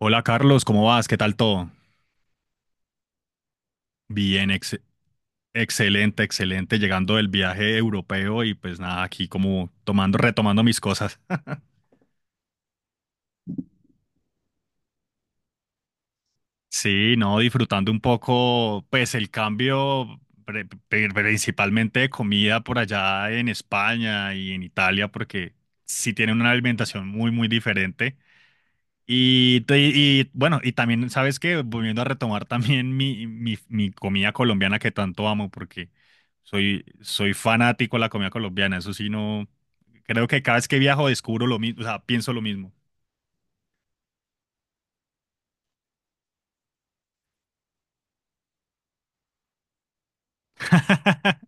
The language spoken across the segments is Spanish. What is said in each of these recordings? Hola Carlos, ¿cómo vas? ¿Qué tal todo? Bien, excelente, excelente, llegando del viaje europeo y pues nada, aquí como tomando, retomando mis cosas. Sí, no, disfrutando un poco, pues el cambio principalmente de comida por allá en España y en Italia, porque sí tienen una alimentación muy, muy diferente. Y bueno, y también, ¿sabes qué? Volviendo a retomar también mi comida colombiana que tanto amo, porque soy fanático de la comida colombiana. Eso sí, no, creo que cada vez que viajo descubro lo mismo, o sea, pienso lo mismo.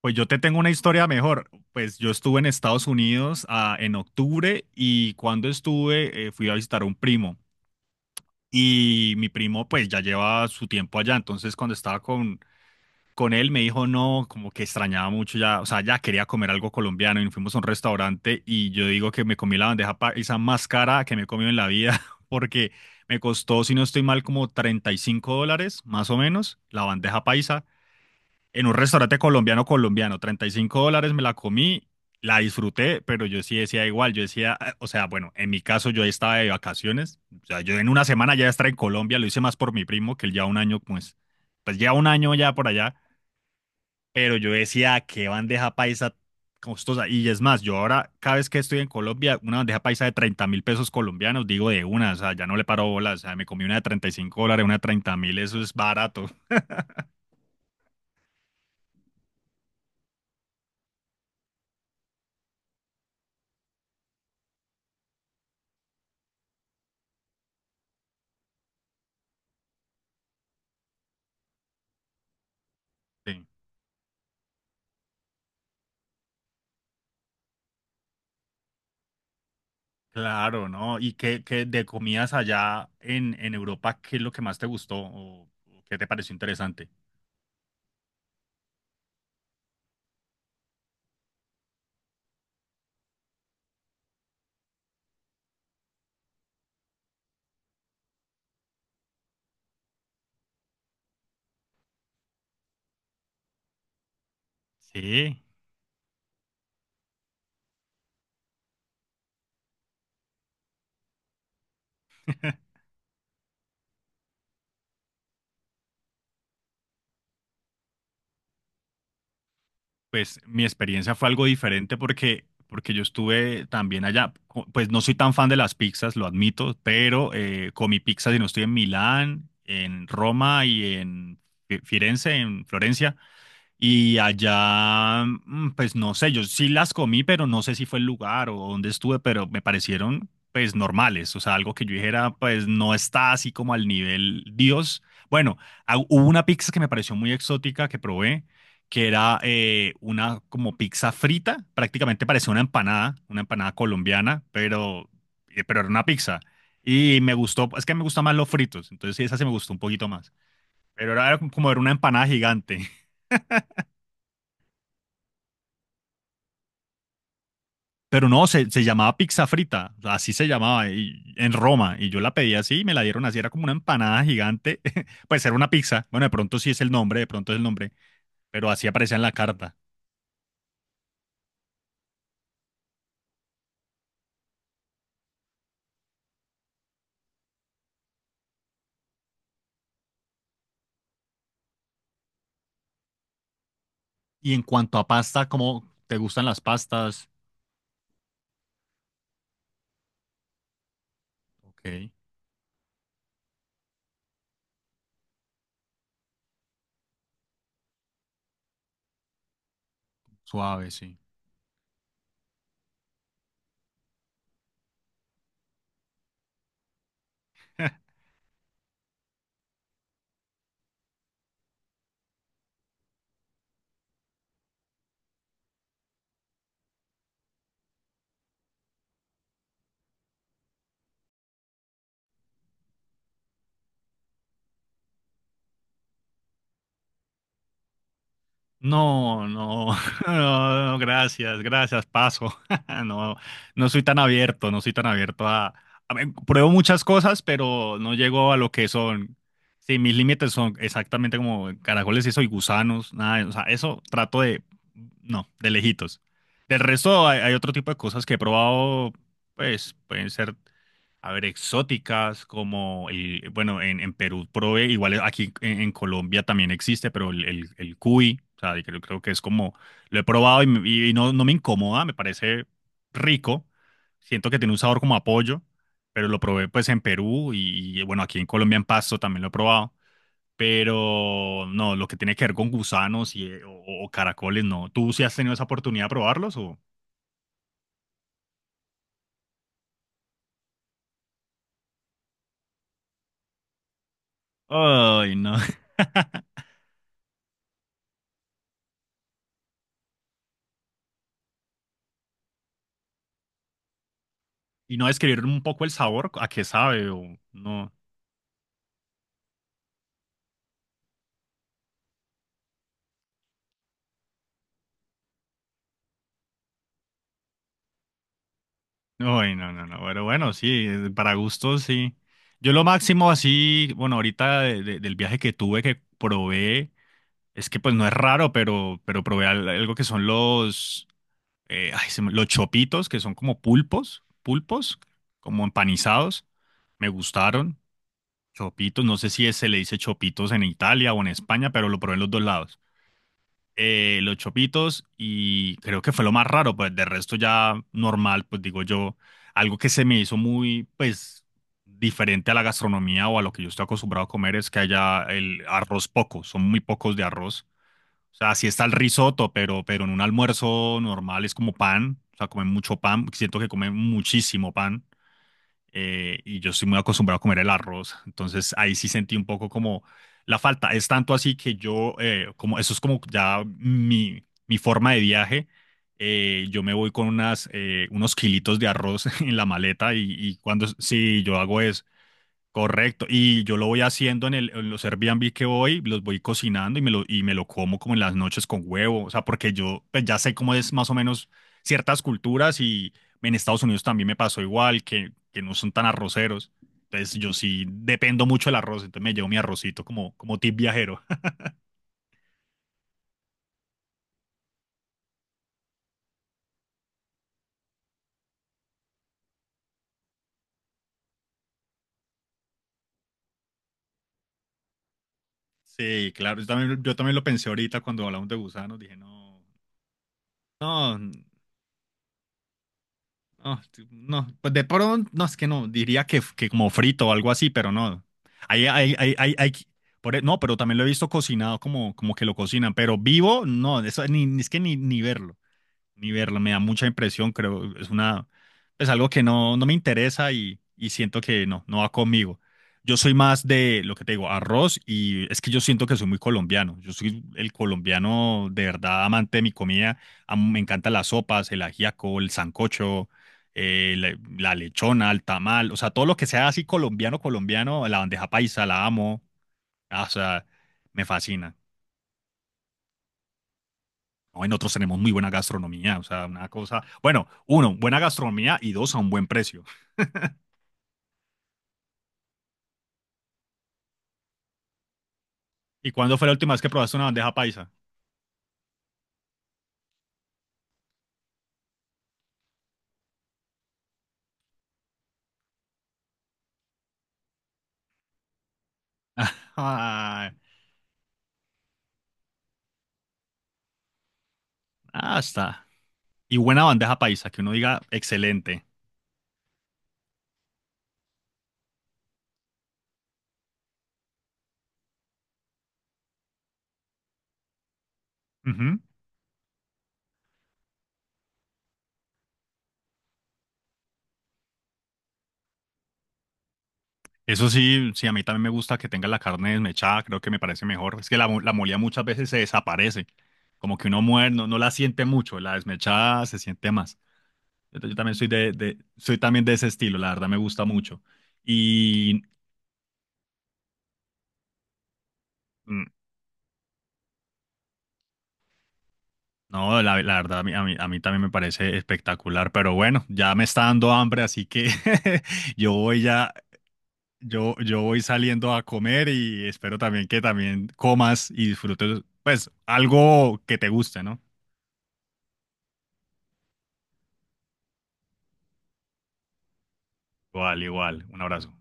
Pues yo te tengo una historia mejor. Pues yo estuve en Estados Unidos en octubre y cuando estuve fui a visitar a un primo y mi primo pues ya lleva su tiempo allá. Entonces cuando estaba con él me dijo no, como que extrañaba mucho ya, o sea, ya quería comer algo colombiano y fuimos a un restaurante y yo digo que me comí la bandeja paisa más cara que me he comido en la vida porque me costó, si no estoy mal, como $35 más o menos la bandeja paisa en un restaurante colombiano colombiano, $35 me la comí, la disfruté, pero yo sí decía igual, yo decía, o sea, bueno, en mi caso yo estaba de vacaciones, o sea, yo en una semana ya estaba en Colombia, lo hice más por mi primo, que él ya un año, pues, pues ya un año ya por allá, pero yo decía, qué bandeja paisa costosa, y es más, yo ahora, cada vez que estoy en Colombia, una bandeja paisa de 30.000 pesos colombianos, digo de una, o sea, ya no le paro bolas, o sea, me comí una de $35, una de 30 mil, eso es barato. Sí. Claro, ¿no? ¿Y qué de comidas allá en Europa, qué es lo que más te gustó o qué te pareció interesante? Sí, pues mi experiencia fue algo diferente porque yo estuve también allá. Pues no soy tan fan de las pizzas, lo admito, pero comí pizzas y no estoy en Milán, en Roma y en Firenze, en Florencia. Y allá, pues no sé, yo sí las comí, pero no sé si fue el lugar o dónde estuve, pero me parecieron pues normales, o sea, algo que yo dijera, pues no está así como al nivel Dios. Bueno, hubo una pizza que me pareció muy exótica que probé, que era una como pizza frita, prácticamente parecía una empanada colombiana, pero era una pizza. Y me gustó, es que me gustan más los fritos, entonces esa se me gustó un poquito más. Pero era como era una empanada gigante. Pero no, se llamaba pizza frita, así se llamaba en Roma. Y yo la pedí así y me la dieron así, era como una empanada gigante. Pues era una pizza. Bueno, de pronto sí es el nombre, de pronto es el nombre, pero así aparecía en la carta. Y en cuanto a pasta, ¿cómo te gustan las pastas? Ok, suave, sí. No, no, no, no, gracias, gracias, paso. No, no soy tan abierto, no soy tan abierto a ver, pruebo muchas cosas, pero no llego a lo que son. Sí, mis límites son exactamente como caracoles y soy gusanos, nada, o sea, eso trato de, no, de lejitos. Del resto hay otro tipo de cosas que he probado, pues pueden ser. A ver, exóticas como el, bueno, en, Perú probé, igual aquí en Colombia también existe, pero el cuy, o sea, creo que es como, lo he probado y no me incomoda, me parece rico, siento que tiene un sabor como a pollo, pero lo probé pues en Perú y, bueno, aquí en Colombia en Pasto también lo he probado, pero no, lo que tiene que ver con gusanos y, o caracoles, no. ¿Tú sí has tenido esa oportunidad de probarlos o? Ay, no. Y no describir un poco el sabor, a qué sabe o no. Uy, no, no, no. Pero bueno, sí, para gustos, sí. Yo lo máximo así, bueno, ahorita del viaje que tuve que probé, es que pues no es raro, pero probé algo que son los, ay, los chopitos, que son como pulpos, pulpos, como empanizados. Me gustaron. Chopitos, no sé si se le dice chopitos en Italia o en España, pero lo probé en los dos lados. Los chopitos y creo que fue lo más raro, pues de resto ya normal, pues digo yo, algo que se me hizo muy, pues diferente a la gastronomía o a lo que yo estoy acostumbrado a comer es que haya el arroz poco, son muy pocos de arroz. O sea, sí está el risotto, pero en un almuerzo normal es como pan, o sea, comen mucho pan, siento que comen muchísimo pan y yo estoy muy acostumbrado a comer el arroz, entonces ahí sí sentí un poco como la falta. Es tanto así que yo, como eso es como ya mi, forma de viaje, yo me voy con unos kilitos de arroz en la maleta y cuando, sí, yo hago eso. Correcto, y yo lo voy haciendo en los Airbnb que voy, los voy cocinando y me lo como como en las noches con huevo, o sea, porque yo pues, ya sé cómo es más o menos ciertas culturas y en Estados Unidos también me pasó igual, que no son tan arroceros, entonces yo sí dependo mucho del arroz, entonces me llevo mi arrocito como, como tip viajero. Sí, claro, yo también lo pensé ahorita cuando hablamos de gusanos, dije, no, no. Ah, sí, no, pues de pronto, no, es que no, diría que como frito o algo así, pero no. Hay, hay, hay, hay, hay- no, pero también lo he visto cocinado como que lo cocinan, pero vivo, no, eso ni, es que ni verlo ni verla, me da mucha impresión, creo, es una, es algo que no me interesa y siento que no va conmigo. Yo soy más de lo que te digo, arroz y es que yo siento que soy muy colombiano. Yo soy el colombiano de verdad amante de mi comida. Me encantan las sopas, el ajiaco, el sancocho, la lechona, el tamal, o sea, todo lo que sea así colombiano, colombiano, la bandeja paisa, la amo. Ah, o sea, me fascina. No, en otros tenemos muy buena gastronomía, o sea, una cosa. Bueno, uno, buena gastronomía y dos, a un buen precio. ¿Y cuándo fue la última vez que probaste una bandeja paisa? Ah, está. Y buena bandeja paisa, que uno diga excelente. Ujú. Eso sí, sí, a mí también me gusta que tenga la carne desmechada, creo que me parece mejor. Es que la, la molida muchas veces se desaparece, como que uno muere, no, no la siente mucho, la desmechada se siente más. Yo también soy de, soy también de ese estilo, la verdad me gusta mucho. Y mm, No, la verdad, a mí, a mí, a mí también me parece espectacular, pero bueno, ya me está dando hambre, así que yo voy ya, yo voy saliendo a comer y espero también que también comas y disfrutes, pues, algo que te guste, ¿no? Igual, igual, un abrazo.